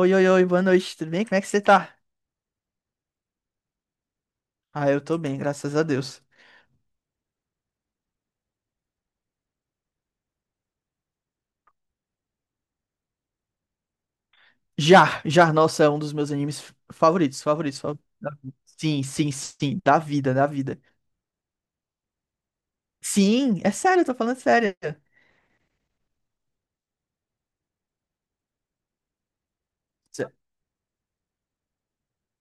Oi, oi, oi, boa noite, tudo bem? Como é que você tá? Ah, eu tô bem, graças a Deus. Já, já, nossa, é um dos meus animes favoritos, favoritos, favoritos. Sim, sim, sim, da vida, da vida. Sim, é sério, eu tô falando sério. Cê-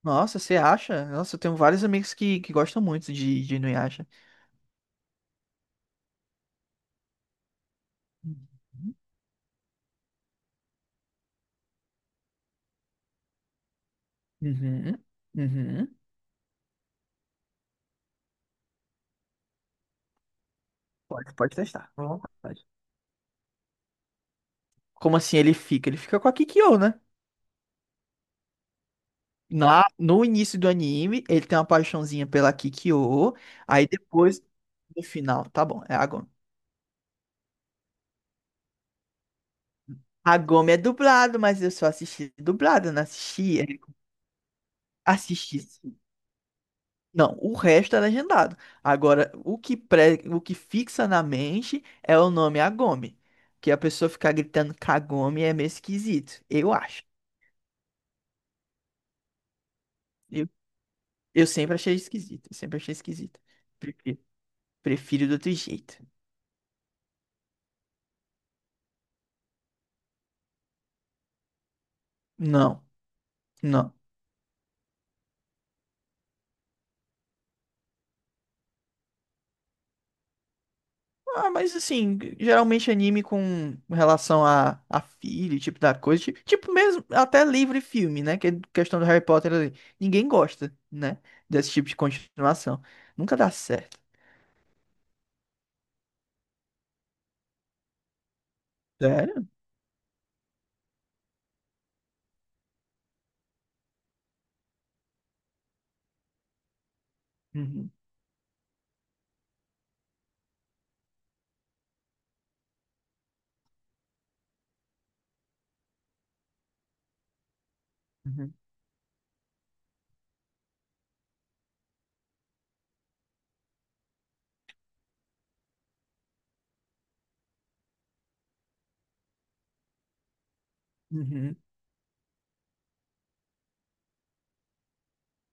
Nossa, você acha? Nossa, eu tenho vários amigos que gostam muito de Inuyasha. Uhum, uhum. Uhum. Pode, pode testar, à vontade. Como assim ele fica? Ele fica com a Kikyo, né? Lá no início do anime, ele tem uma paixãozinha pela Kikyo. Aí depois, no final, tá bom, é a Gomi. A Gomi é dublado, mas eu só assisti dublado, não assisti. É. Assisti, sim. Não, o resto é legendado. Agora, o que fixa na mente é o nome Agome. Que a pessoa ficar gritando Kagome é meio esquisito, eu acho. Eu, eu sempre achei esquisito, eu sempre achei esquisito. Prefiro, prefiro do outro jeito. Não, não. Ah, mas assim, geralmente anime com relação a filho, tipo da coisa, tipo, mesmo até livro e filme, né? Que é questão do Harry Potter ali. Ninguém gosta, né? Desse tipo de continuação. Nunca dá certo. Sério? Uhum, uhum, uhum.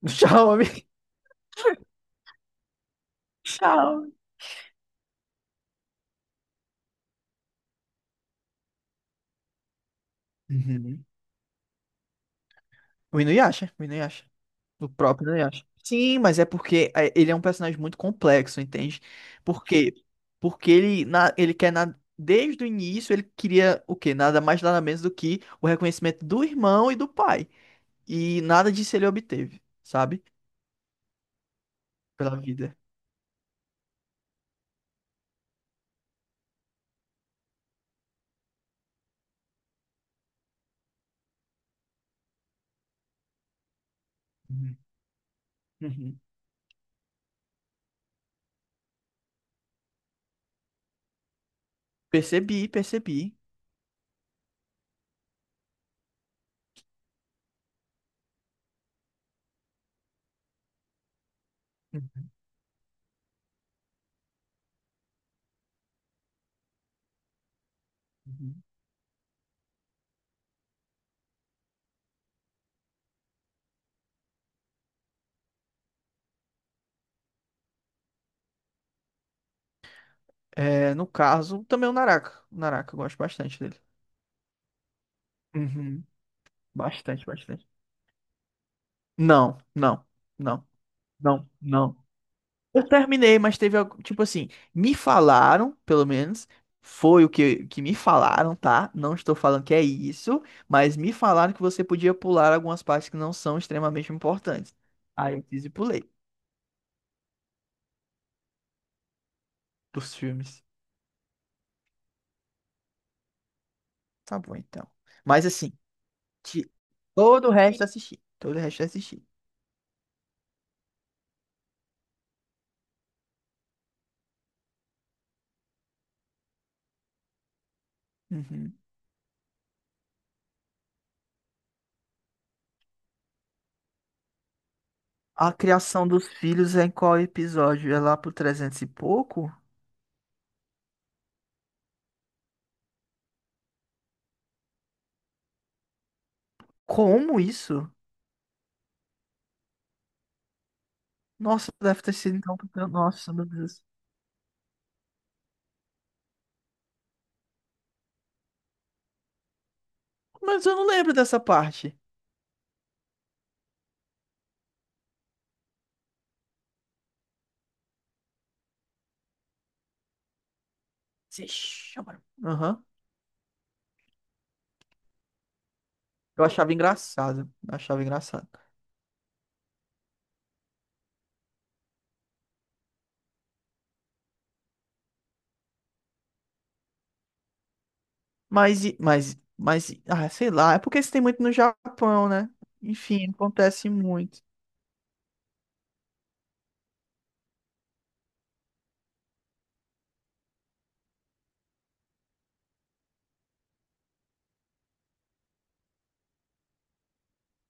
Tchau, amigo. Tchau. Uhum. O Inuyasha, o Inuyasha. O próprio Inuyasha. Sim, mas é porque é, ele é um personagem muito complexo, entende? Por quê? Porque desde o início, ele queria o quê? Nada mais, nada menos do que o reconhecimento do irmão e do pai. E nada disso ele obteve, sabe? Pela vida. Uhum. Uhum. Percebi, percebi. Uhum. Uhum. É, no caso, também o Naraka. O Naraka, eu gosto bastante dele. Uhum. Bastante, bastante. Não, não, não, não, não. Eu terminei, mas teve algo, tipo assim, me falaram, pelo menos, foi o que me falaram, tá? Não estou falando que é isso, mas me falaram que você podia pular algumas partes que não são extremamente importantes. Aí eu fiz e pulei dos filmes. Tá bom, então. Mas assim, de- todo o resto eu assisti. Todo o resto eu assisti. Uhum. A criação dos filhos é em qual episódio? É lá pro 300 e pouco? Como isso? Nossa, deve ter sido então. Nossa, meu Deus. Mas eu não lembro dessa parte. Se chama. Aham. Eu achava engraçado, eu achava engraçado. Mas sei lá. É porque isso tem muito no Japão, né? Enfim, acontece muito.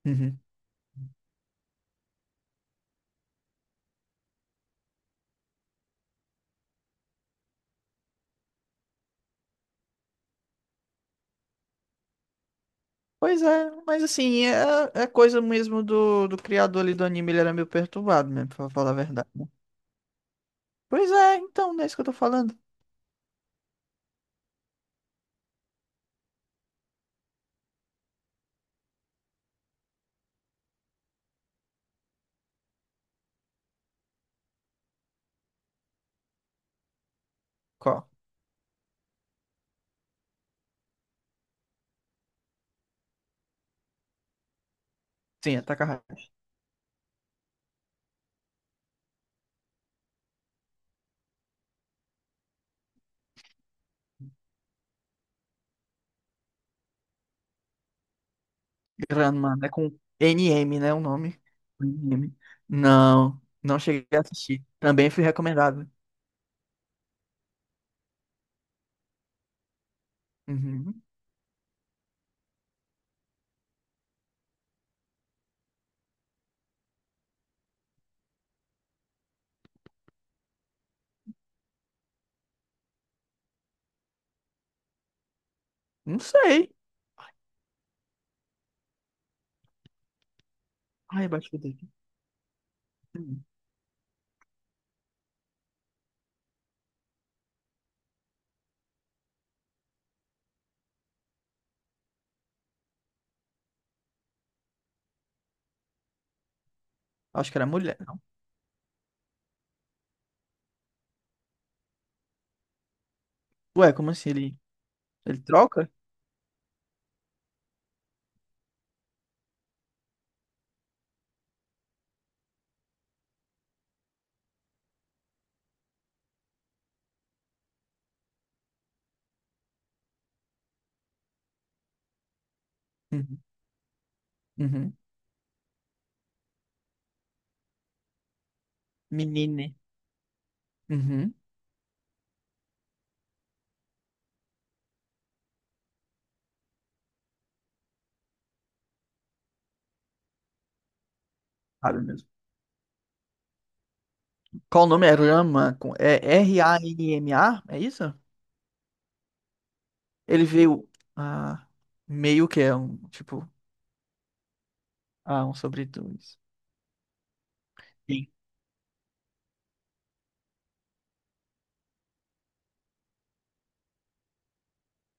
Uhum. Pois é, mas assim, é coisa mesmo do criador ali do anime, ele era meio perturbado mesmo, pra falar a verdade, né? Pois é, então, não é isso que eu tô falando. Qual? Sim, é Takahata. Granma, é com N M, né? O nome. N M. Não, não cheguei a assistir. Também fui recomendado. Uhum. Não sei. Ai, abaixo dele. Hum. Acho que era mulher, não? Ué, como assim? ele, troca? Uhum. Uhum. Menine. Uhum. Sabe mesmo. Qual o nome? É Rama. É Ranma? É isso? Ele veio. Ah, meio que é um. Tipo. Ah, um sobre dois. Sim.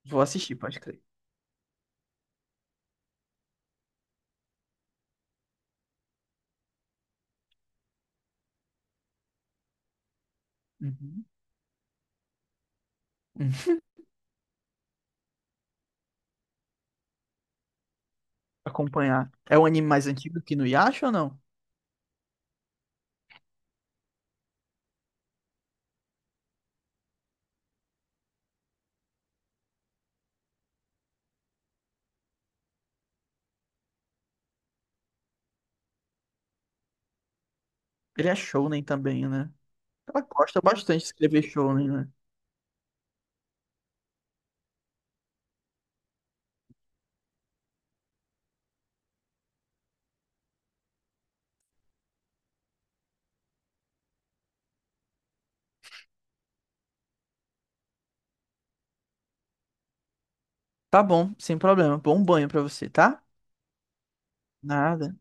Vou assistir, pode crer. Uhum. Hum. Acompanhar. É um anime mais antigo que no Yasha ou não? Ele é shounen também, né? Ela gosta bastante de escrever shounen, né? Tá bom, sem problema. Bom banho pra você, tá? Nada.